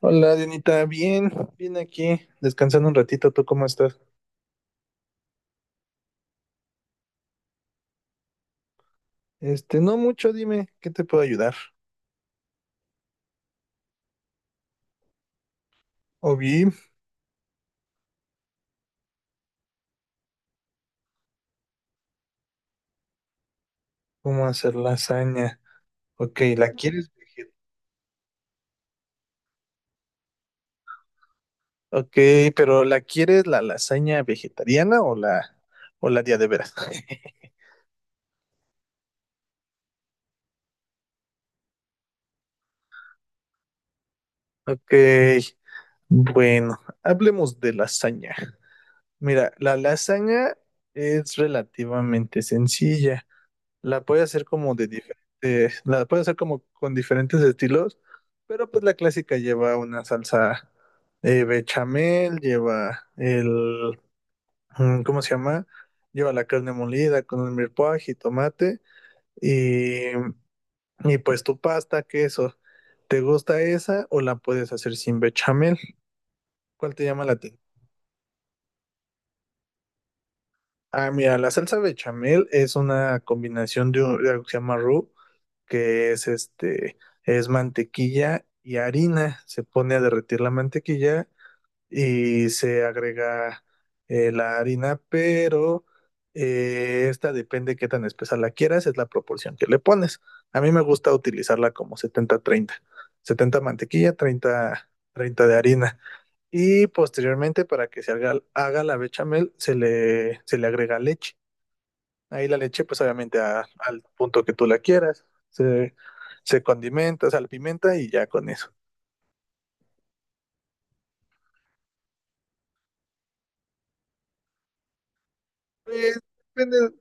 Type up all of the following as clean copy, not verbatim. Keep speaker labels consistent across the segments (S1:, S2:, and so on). S1: Hola, Dianita, bien, bien aquí, descansando un ratito, ¿tú cómo estás? No mucho, dime, ¿qué te puedo ayudar? O bien, ¿cómo hacer lasaña? Ok, Ok, pero ¿la quieres la lasaña vegetariana o la día de veras? Ok, bueno, hablemos de lasaña. Mira, la lasaña es relativamente sencilla. La puede hacer como de diferente, La puede hacer como con diferentes estilos, pero pues la clásica lleva una salsa, bechamel, ¿cómo se llama? Lleva la carne molida con el mirepoix y tomate y, y pues tu pasta, queso. ¿Te gusta esa o la puedes hacer sin bechamel? ¿Cuál te llama la atención? Ah, mira, la salsa bechamel es una combinación de algo que se llama roux, que es mantequilla y harina. Se pone a derretir la mantequilla y se agrega la harina, pero esta depende qué tan espesa la quieras, es la proporción que le pones. A mí me gusta utilizarla como setenta treinta, setenta mantequilla, treinta de harina. Y posteriormente, para que haga la bechamel, se le agrega leche. Ahí la leche, pues obviamente al punto que tú la quieras. Se condimenta, se pimienta y ya con eso. Pues, depende.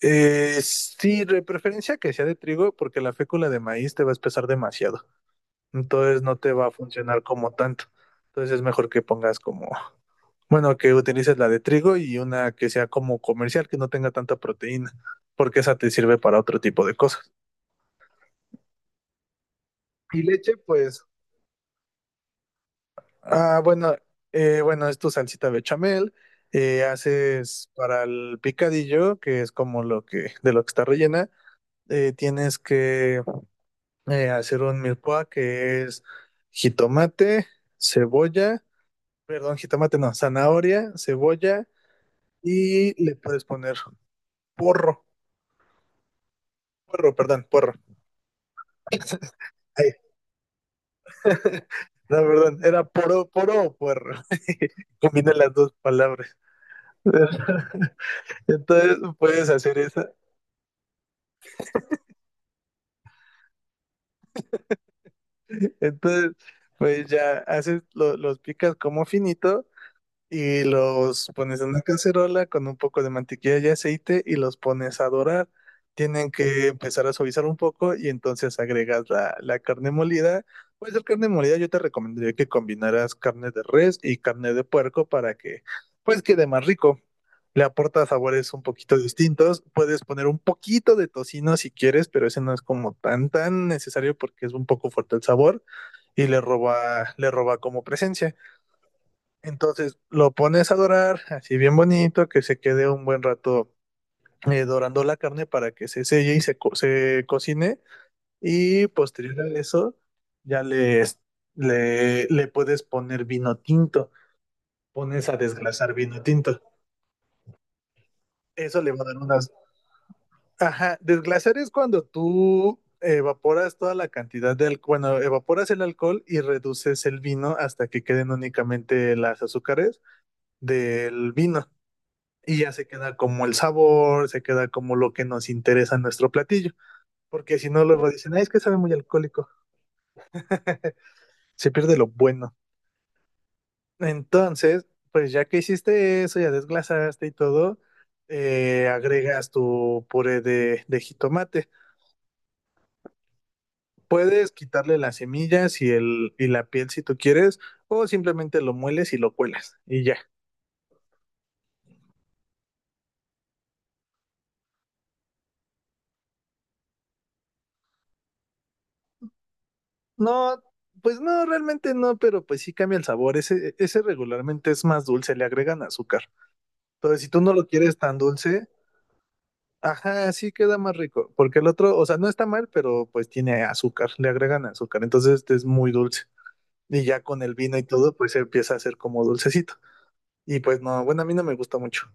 S1: Sí, de preferencia que sea de trigo, porque la fécula de maíz te va a espesar demasiado. Entonces no te va a funcionar como tanto. Entonces es mejor que pongas como, bueno, que utilices la de trigo y una que sea como comercial, que no tenga tanta proteína, porque esa te sirve para otro tipo de cosas. Y leche, pues. Ah, bueno, bueno, es tu salsita bechamel, haces para el picadillo, que es como lo que, de lo que está rellena, tienes que hacer un milpoa que es jitomate, cebolla, perdón, jitomate no, zanahoria, cebolla, y le puedes poner porro, porro. Ahí. No, perdón, era poro, o puerro. Combina las dos palabras. Entonces puedes hacer eso. Entonces, pues los picas como finito y los pones en una cacerola con un poco de mantequilla y aceite y los pones a dorar. Tienen que empezar a suavizar un poco y entonces agregas la carne molida. Pues la carne molida yo te recomendaría que combinaras carne de res y carne de puerco para que pues quede más rico. Le aporta sabores un poquito distintos. Puedes poner un poquito de tocino si quieres, pero ese no es como tan tan necesario porque es un poco fuerte el sabor y le roba como presencia. Entonces lo pones a dorar, así bien bonito, que se quede un buen rato dorando la carne para que se selle y se cocine. Y posterior a eso, ya le puedes poner vino tinto. Pones a desglasar vino tinto. Eso le va a dar unas. Ajá, desglasar es cuando tú evaporas toda la cantidad de alcohol, bueno, evaporas el alcohol y reduces el vino hasta que queden únicamente las azúcares del vino y ya se queda como el sabor, se queda como lo que nos interesa en nuestro platillo, porque si no luego dicen, "Ah, es que sabe muy alcohólico," se pierde lo bueno. Entonces, pues ya que hiciste eso, ya desglasaste y todo, agregas tu puré de jitomate. Puedes quitarle las semillas y la piel si tú quieres, o simplemente lo mueles y lo cuelas y ya. No, pues no, realmente no, pero pues sí cambia el sabor. Ese regularmente es más dulce, le agregan azúcar. Entonces, si tú no lo quieres tan dulce, ajá, sí queda más rico. Porque el otro, o sea, no está mal, pero pues tiene azúcar, le agregan azúcar. Entonces, este es muy dulce. Y ya con el vino y todo, pues empieza a ser como dulcecito. Y pues no, bueno, a mí no me gusta mucho.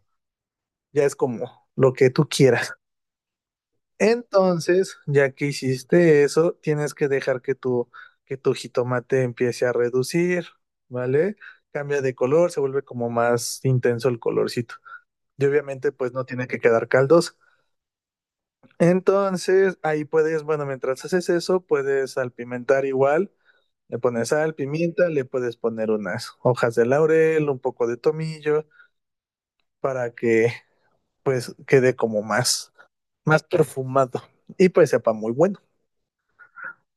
S1: Ya es como lo que tú quieras. Entonces, ya que hiciste eso, tienes que dejar que tu jitomate empiece a reducir, ¿vale? Cambia de color, se vuelve como más intenso el colorcito. Y obviamente, pues no tiene que quedar caldoso. Entonces, ahí puedes, bueno, mientras haces eso, puedes salpimentar igual. Le pones sal, pimienta, le puedes poner unas hojas de laurel, un poco de tomillo, para que pues quede como más perfumado y pues sepa muy bueno.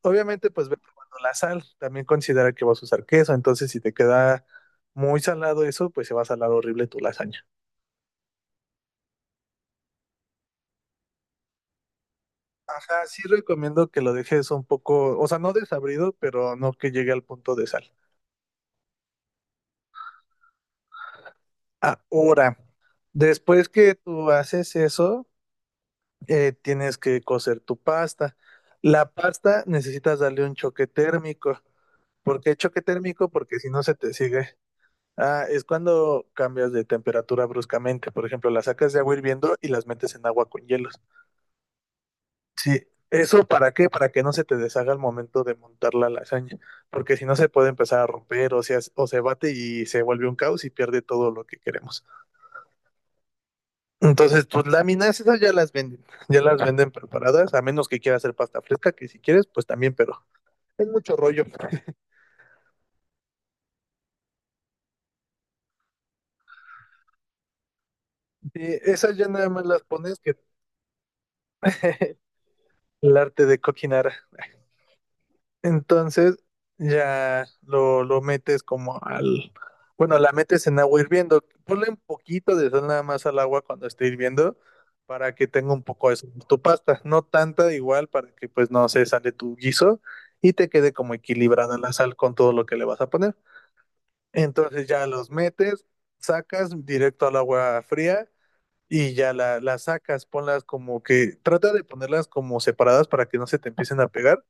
S1: Obviamente, pues ve probando la sal. También considera que vas a usar queso. Entonces, si te queda muy salado eso, pues se va a salar horrible tu lasaña. Ajá, sí recomiendo que lo dejes un poco, o sea, no desabrido, pero no que llegue al punto de sal. Ahora, después que tú haces eso, tienes que cocer tu pasta. La pasta necesitas darle un choque térmico. ¿Por qué choque térmico? Porque si no se te sigue. Ah, es cuando cambias de temperatura bruscamente. Por ejemplo, las sacas de agua hirviendo y las metes en agua con hielos. Sí. ¿Eso para qué? Para que no se te deshaga al momento de montar la lasaña. Porque si no se puede empezar a romper, o sea, o se bate y se vuelve un caos y pierde todo lo que queremos. Entonces, tus láminas, esas ya las venden. Ya las venden preparadas, a menos que quieras hacer pasta fresca, que si quieres, pues también, pero es mucho rollo. Sí, esas ya nada más las pones que el arte de cocinar. Entonces ya lo metes como al. Bueno, la metes en agua hirviendo. Ponle un poquito de sal nada más al agua cuando esté hirviendo para que tenga un poco de sabor tu pasta. No tanta igual para que pues no se sale tu guiso y te quede como equilibrada la sal con todo lo que le vas a poner. Entonces ya los metes, sacas directo al agua fría y ya las sacas. Ponlas como que. Trata de ponerlas como separadas para que no se te empiecen a pegar.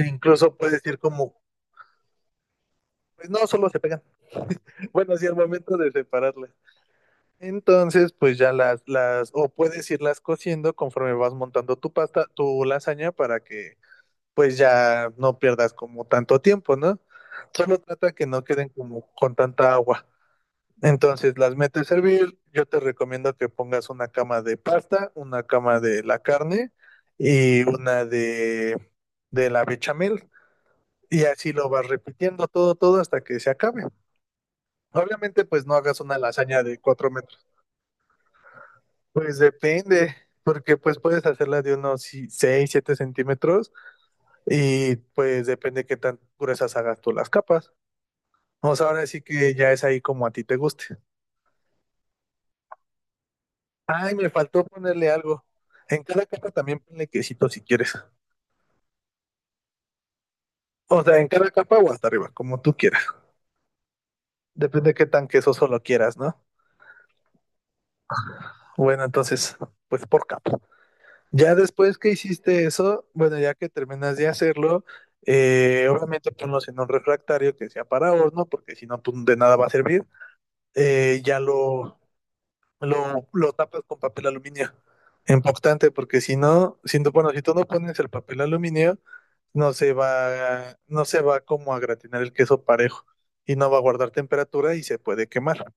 S1: E incluso puedes ir como. Pues no, solo se pegan. Bueno, sí, al momento de separarlas. Entonces, pues ya o puedes irlas cociendo conforme vas montando tu pasta, tu lasaña para que pues ya no pierdas como tanto tiempo, ¿no? Solo trata que no queden como con tanta agua. Entonces las metes a hervir. Yo te recomiendo que pongas una cama de pasta, una cama de la carne y una de la bechamel. Y así lo vas repitiendo todo, todo hasta que se acabe. Obviamente, pues no hagas una lasaña de 4 metros. Pues depende, porque pues puedes hacerla de unos seis, siete centímetros y pues depende qué tan gruesas hagas tú las capas. O sea, ahora sí que ya es ahí como a ti te guste. Ay, me faltó ponerle algo. En cada capa también ponle quesito si quieres. O sea, en cada capa o hasta arriba, como tú quieras. Depende de qué tan queso solo quieras, ¿no? Bueno, entonces, pues por capa. Ya después que hiciste eso, bueno, ya que terminas de hacerlo, obviamente ponlos en un refractario que sea para horno, porque si no, pues de nada va a servir. Ya lo tapas con papel aluminio importante, porque si no, bueno, si tú no pones el papel aluminio, no se va como a gratinar el queso parejo y no va a guardar temperatura y se puede quemar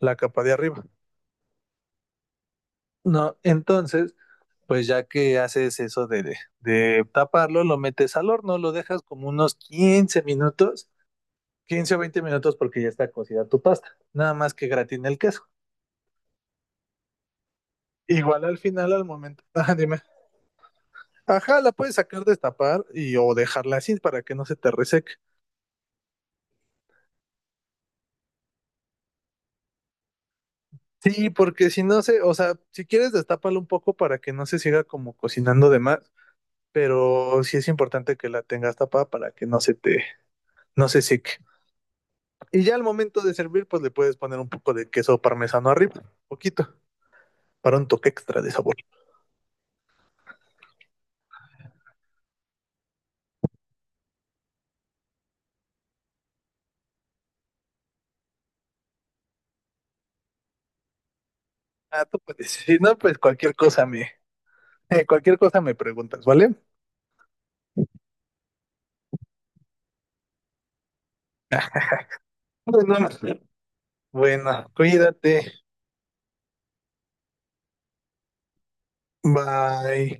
S1: la capa de arriba. No, entonces, pues ya que haces eso de taparlo, lo metes al horno, lo dejas como unos 15 o 20 minutos porque ya está cocida tu pasta, nada más que gratine el queso. Igual al final, al momento, ah, dime, ajá, la puedes sacar, destapar y o dejarla así para que no se te reseque. Sí, porque o sea, si quieres destápalo un poco para que no se siga como cocinando de más, pero sí es importante que la tengas tapada para que no se seque. Y ya al momento de servir, pues le puedes poner un poco de queso parmesano arriba, poquito, para un toque extra de sabor. Ah, tú puedes. Si no, pues cualquier cosa me preguntas, ¿vale? Bueno, bueno, cuídate. Bye.